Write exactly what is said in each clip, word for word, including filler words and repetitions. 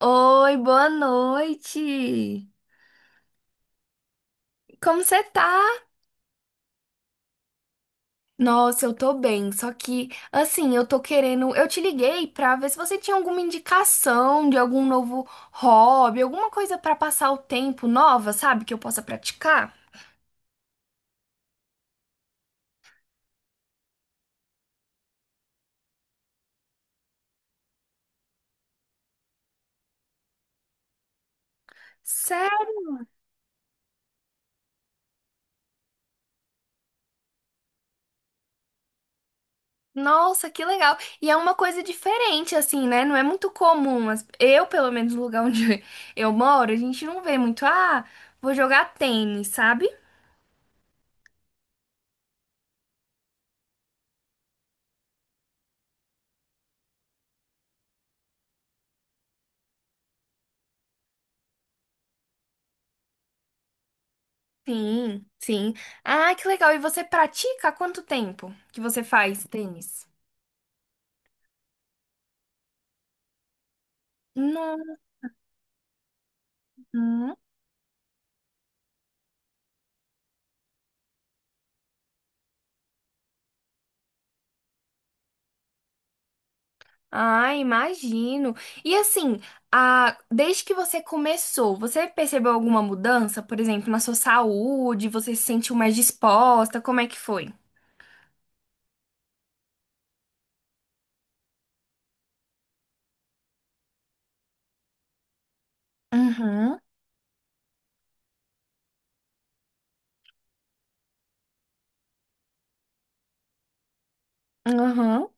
Oi, boa noite. Como você tá? Nossa, eu tô bem, só que assim, eu tô querendo, eu te liguei pra ver se você tinha alguma indicação de algum novo hobby, alguma coisa pra passar o tempo nova, sabe, que eu possa praticar. Sério? Nossa, que legal. E é uma coisa diferente assim, né? Não é muito comum, mas eu, pelo menos no lugar onde eu moro, a gente não vê muito, ah, vou jogar tênis, sabe? Sim, sim. Ah, que legal. E você pratica há quanto tempo que você faz tênis? Não. Hum. Ah, imagino. E assim, a... desde que você começou, você percebeu alguma mudança, por exemplo, na sua saúde? Você se sentiu mais disposta? Como é que foi? Uhum, uhum.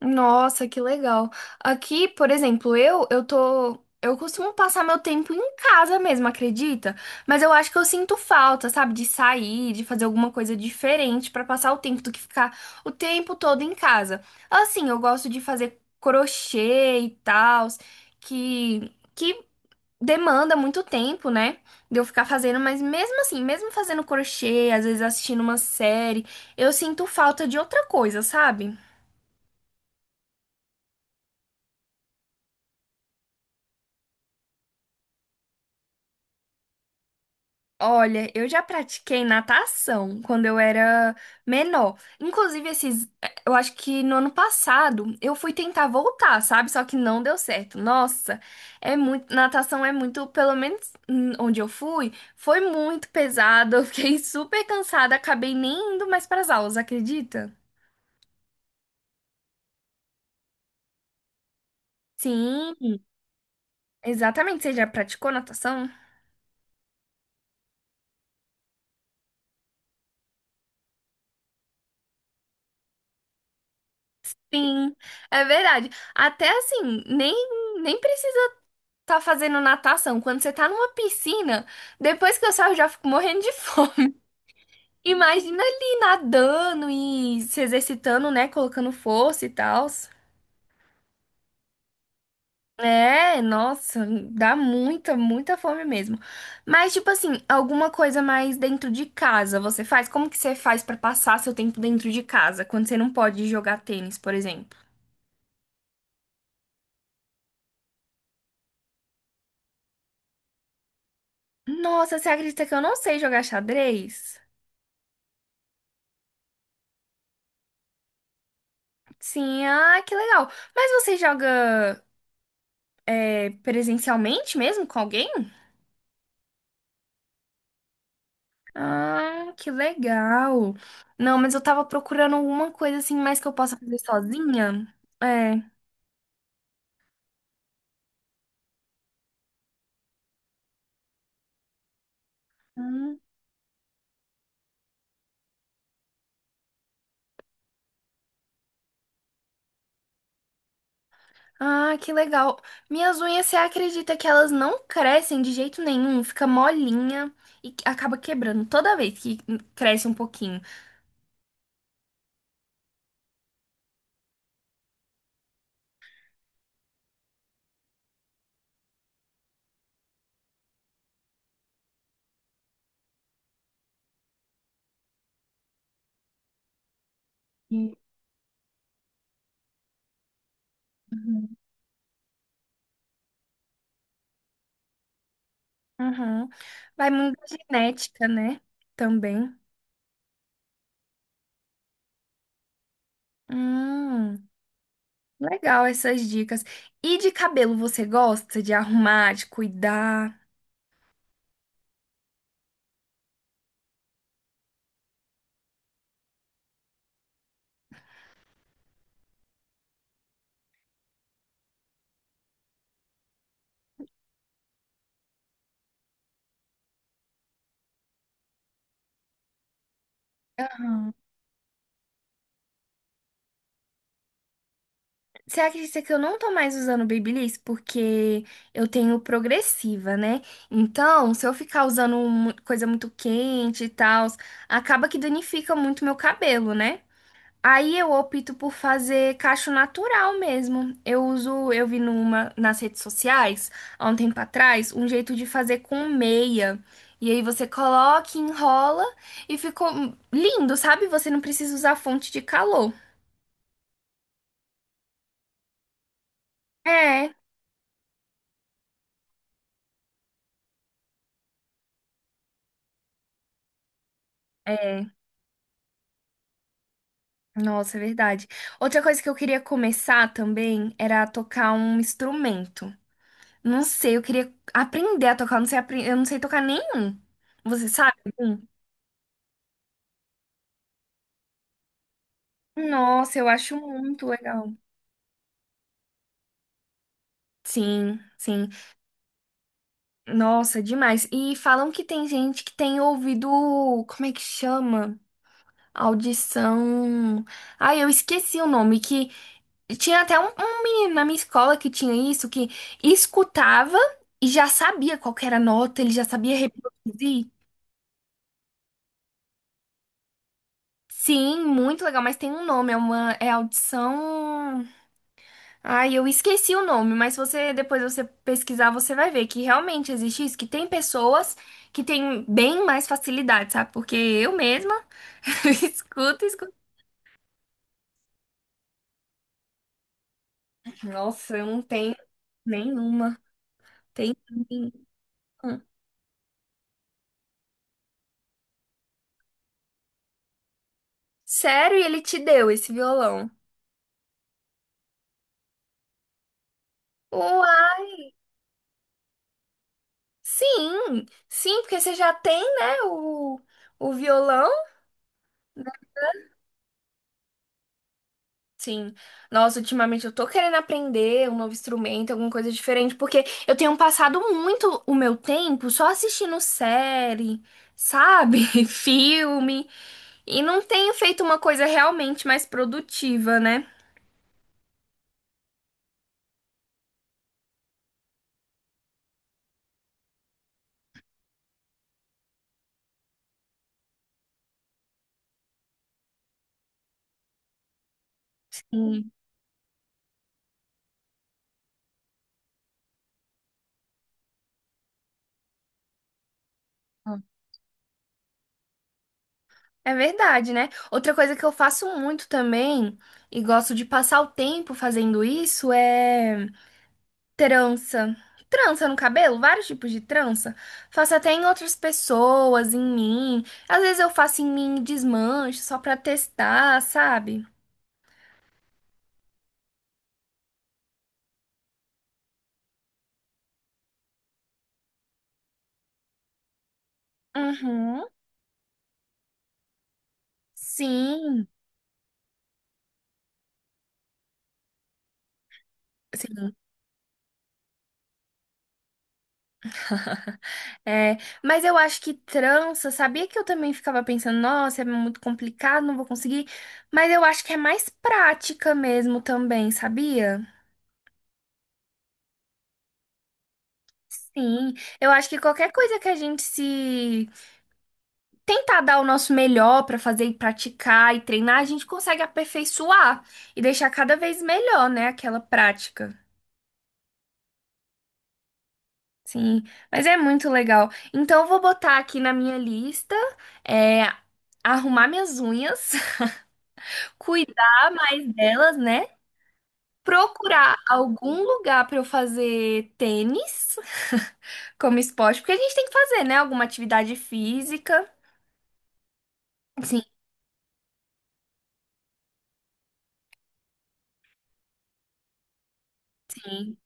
Nossa, que legal. Aqui, por exemplo, eu eu tô eu costumo passar meu tempo em casa mesmo, acredita? Mas eu acho que eu sinto falta, sabe, de sair, de fazer alguma coisa diferente pra passar o tempo do que ficar o tempo todo em casa. Assim, eu gosto de fazer crochê e tal, que que demanda muito tempo, né? De eu ficar fazendo, mas mesmo assim, mesmo fazendo crochê, às vezes assistindo uma série, eu sinto falta de outra coisa, sabe? Olha, eu já pratiquei natação quando eu era menor. Inclusive, esses, eh, eu acho que no ano passado eu fui tentar voltar, sabe? Só que não deu certo. Nossa, é muito, natação é muito, pelo menos hum, onde eu fui, foi muito pesado. Eu fiquei super cansada, acabei nem indo mais para as aulas, acredita? Sim, exatamente. Você já praticou natação? Sim, é verdade. Até assim, nem nem precisava. Tá fazendo natação, quando você tá numa piscina, depois que eu saio eu já fico morrendo de fome. Imagina ali nadando e se exercitando, né? Colocando força e tal. É, nossa, dá muita, muita fome mesmo. Mas, tipo assim, alguma coisa mais dentro de casa você faz? Como que você faz pra passar seu tempo dentro de casa, quando você não pode jogar tênis, por exemplo? Nossa, você acredita que eu não sei jogar xadrez? Sim, ah, que legal. Mas você joga é, presencialmente mesmo com alguém? Ah, que legal. Não, mas eu tava procurando alguma coisa assim mais que eu possa fazer sozinha. É. Hum. Ah, que legal. Minhas unhas, você acredita que elas não crescem de jeito nenhum? Fica molinha e acaba quebrando toda vez que hum, cresce um pouquinho. E- Uhum. Uhum. Vai muito da genética, né? Também. Hum. Legal essas dicas. E de cabelo, você gosta de arrumar, de cuidar? Você acredita que eu não tô mais usando Babyliss porque eu tenho progressiva, né? Então, se eu ficar usando mu- coisa muito quente e tal, acaba que danifica muito meu cabelo, né? Aí eu opto por fazer cacho natural mesmo. Eu uso, eu vi numa nas redes sociais, há um tempo atrás, um jeito de fazer com meia. E aí você coloca, enrola e ficou lindo, sabe? Você não precisa usar fonte de calor. É, é. Nossa, é verdade. Outra coisa que eu queria começar também era a tocar um instrumento. Não sei, eu queria aprender a tocar, eu não sei, apre- eu não sei tocar nenhum. Você sabe? Algum? Nossa, eu acho muito legal. Sim, sim. Nossa, demais. E falam que tem gente que tem ouvido, como é que chama? Audição. Ai, eu esqueci o nome, que tinha até um, um menino na minha escola que tinha isso, que escutava e já sabia qual que era a nota, ele já sabia reproduzir. Sim, muito legal, mas tem um nome, é uma é audição. Ai, eu esqueci o nome, mas você depois você pesquisar, você vai ver que realmente existe isso, que tem pessoas que têm bem mais facilidade, sabe? Porque eu mesma escuto, escuto. Nossa, eu não tenho nenhuma. Tem nenhuma. Sério, e ele te deu esse violão? Uau! Sim, sim, porque você já tem, né, o, o violão. Sim. Nossa, ultimamente eu tô querendo aprender um novo instrumento, alguma coisa diferente, porque eu tenho passado muito o meu tempo só assistindo série, sabe? Filme, e não tenho feito uma coisa realmente mais produtiva, né? Sim. É verdade, né? Outra coisa que eu faço muito também, e gosto de passar o tempo fazendo isso, é. Trança. Trança no cabelo, vários tipos de trança. Faço até em outras pessoas, em mim. Às vezes eu faço em mim e desmancho só pra testar, sabe? Uhum. Sim, sim. É, mas eu acho que trança, sabia que eu também ficava pensando, nossa, é muito complicado, não vou conseguir. Mas eu acho que é mais prática mesmo também, sabia? Sim, eu acho que qualquer coisa que a gente se tentar dar o nosso melhor para fazer e praticar e treinar, a gente consegue aperfeiçoar e deixar cada vez melhor, né, aquela prática. Sim, mas é muito legal. Então, eu vou botar aqui na minha lista, é, arrumar minhas unhas, cuidar mais delas, né? Procurar algum lugar para eu fazer tênis como esporte, porque a gente tem que fazer, né? Alguma atividade física. Sim, sim.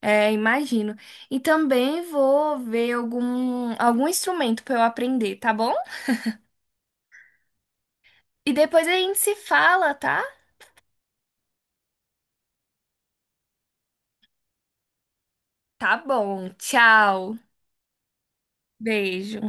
É, imagino. E também vou ver algum, algum instrumento para eu aprender, tá bom? E depois a gente se fala, tá? Tá bom. Tchau. Beijo.